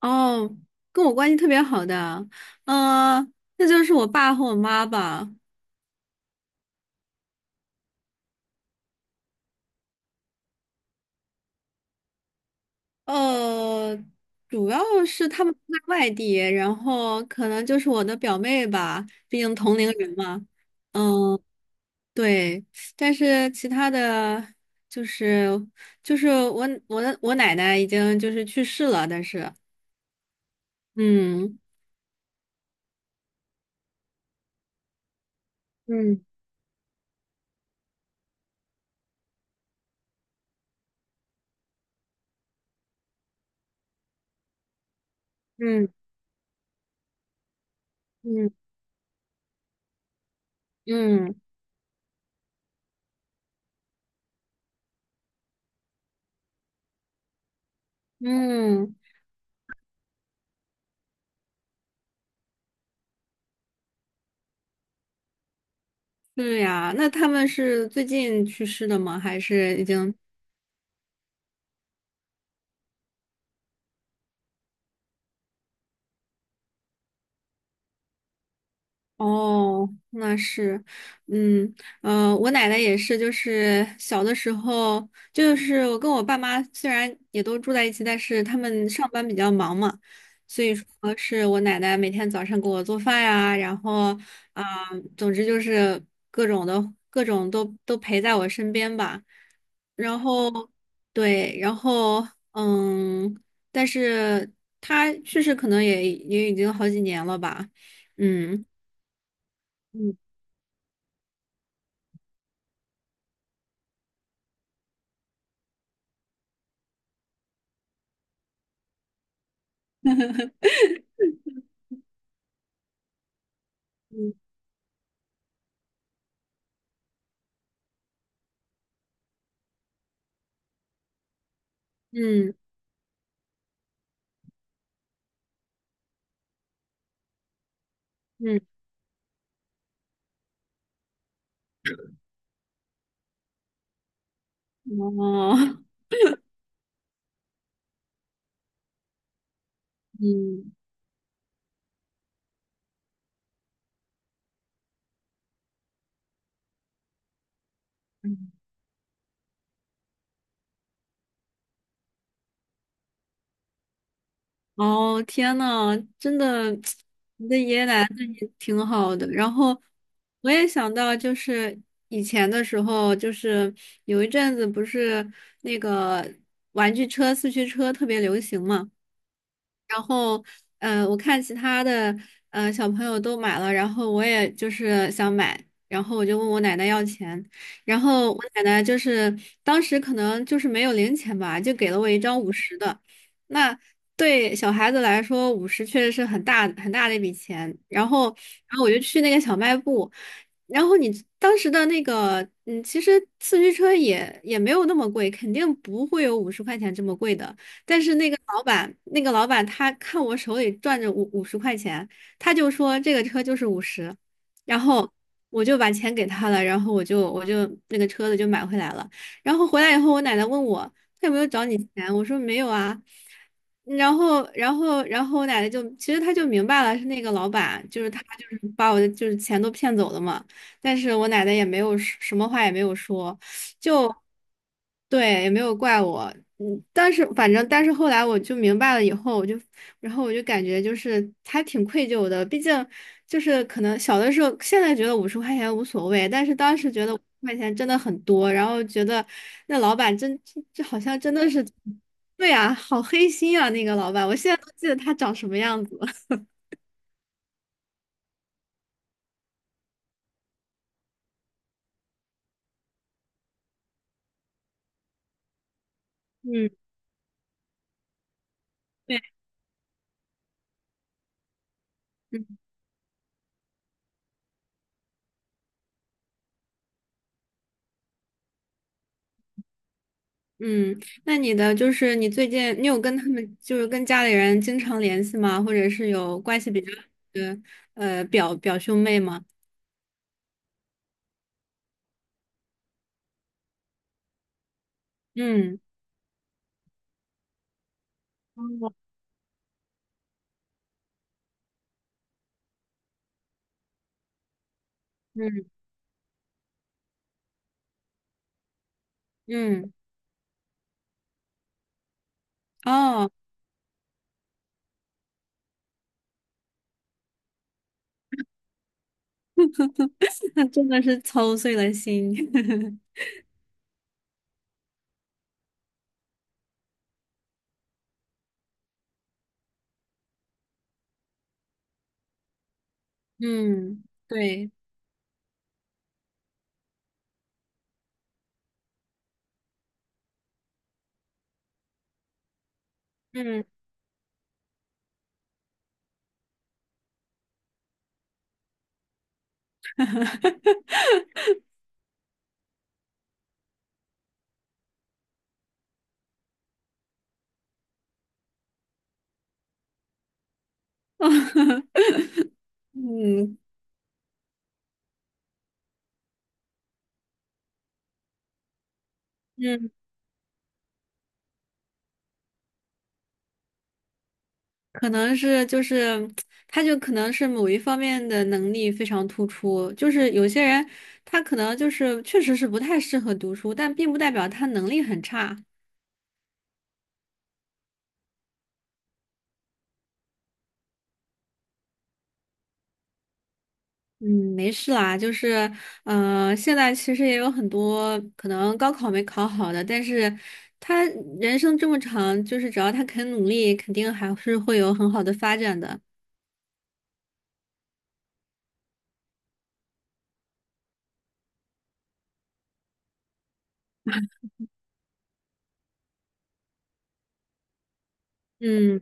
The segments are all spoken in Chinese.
哦，跟我关系特别好的，呃，那就是我爸和我妈吧。呃，主要是他们都在外地，然后可能就是我的表妹吧，毕竟同龄人嘛。嗯，对，但是其他的就是就是我奶奶已经就是去世了，但是嗯嗯嗯嗯嗯嗯，是呀，那他们是最近去世的吗？还是已经？哦，那是，嗯，我奶奶也是，就是小的时候，就是我跟我爸妈虽然也都住在一起，但是他们上班比较忙嘛，所以说是我奶奶每天早上给我做饭呀，然后啊，总之就是各种都陪在我身边吧，然后对，然后嗯，但是她去世可能也已经好几年了吧，嗯。嗯嗯嗯，哦，嗯，嗯哦，天呐，真的，你的爷爷奶奶对你挺好的。然后我也想到，就是以前的时候，就是有一阵子不是那个玩具车、四驱车特别流行嘛。然后，我看其他的小朋友都买了，然后我也就是想买，然后我就问我奶奶要钱，然后我奶奶就是当时可能就是没有零钱吧，就给了我一张五十的，那对小孩子来说，五十确实是很大很大的一笔钱。然后我就去那个小卖部，然后你当时的那个，其实四驱车也没有那么贵，肯定不会有五十块钱这么贵的。但是那个老板他看我手里攥着五十块钱，他就说这个车就是五十，然后我就把钱给他了，然后我就那个车子就买回来了。然后回来以后，我奶奶问我。他有没有找你钱？我说没有啊。然后我奶奶就其实她就明白了，是那个老板，就是他就是把我的就是钱都骗走了嘛。但是我奶奶也没有说什么话也没有说，就对，也没有怪我。嗯，但是反正，但是后来我就明白了以后，然后我就感觉就是还挺愧疚的。毕竟就是可能小的时候，现在觉得五十块钱无所谓，但是当时觉得五十块钱真的很多，然后觉得那老板真这好像真的是，对啊，好黑心啊，那个老板，我现在都记得他长什么样子。嗯，对，嗯。嗯，那你的就是你最近你有跟他们就是跟家里人经常联系吗？或者是有关系比较好的表兄妹吗？嗯嗯嗯，哦，那真的是操碎了心。嗯，对，嗯，嗯嗯，可能是就是，他就可能是某一方面的能力非常突出，就是有些人他可能就是确实是不太适合读书，但并不代表他能力很差。嗯，没事啦，就是，现在其实也有很多可能高考没考好的，但是他人生这么长，就是只要他肯努力，肯定还是会有很好的发展的。嗯。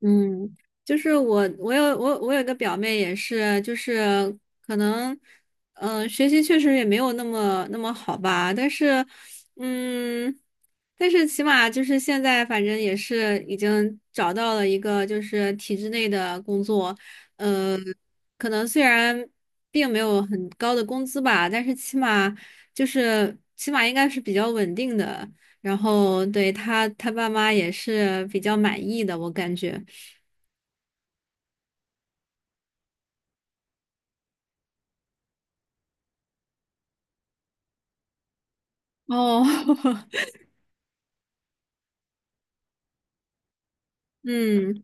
嗯，就是我有个表妹也是，就是可能，学习确实也没有那么那么好吧，但是，嗯，但是起码就是现在反正也是已经找到了一个就是体制内的工作，呃，可能虽然并没有很高的工资吧，但是起码应该是比较稳定的，然后对他爸妈也是比较满意的，我感觉。哦，嗯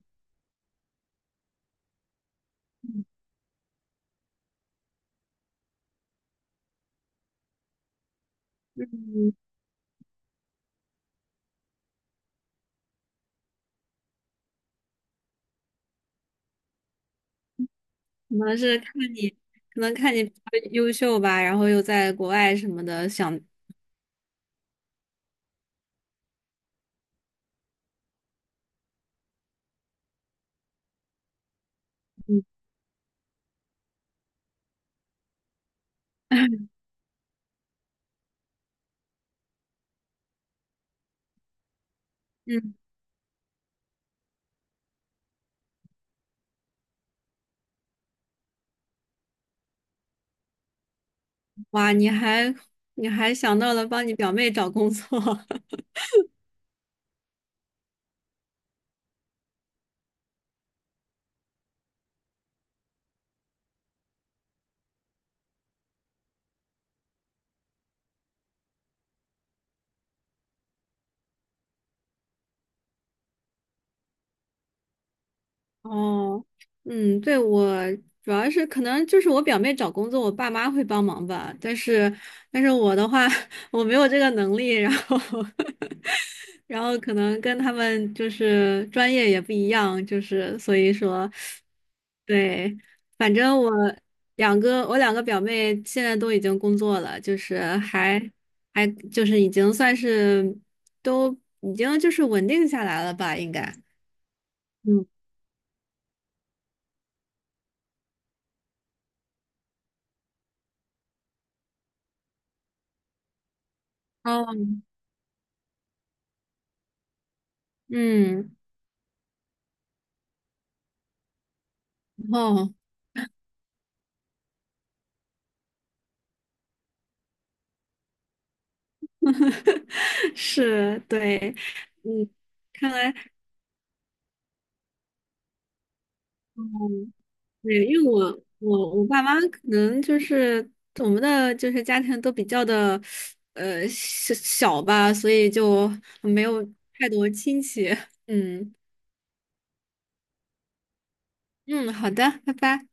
嗯，可能是看你，可能看你比较优秀吧，然后又在国外什么的，想，嗯 嗯，哇，你还想到了帮你表妹找工作，哦，嗯，对，我主要是可能就是我表妹找工作，我爸妈会帮忙吧，但是我的话，我没有这个能力，然后 然后可能跟他们就是专业也不一样，就是所以说，对，反正我两个表妹现在都已经工作了，就是还就是已经算是都已经就是稳定下来了吧，应该。嗯，哦，嗯，哦，是，对，嗯，看来。嗯。对，因为我爸妈可能就是我们的就是家庭都比较的小小吧，所以就没有太多亲戚。嗯嗯，好的，拜拜。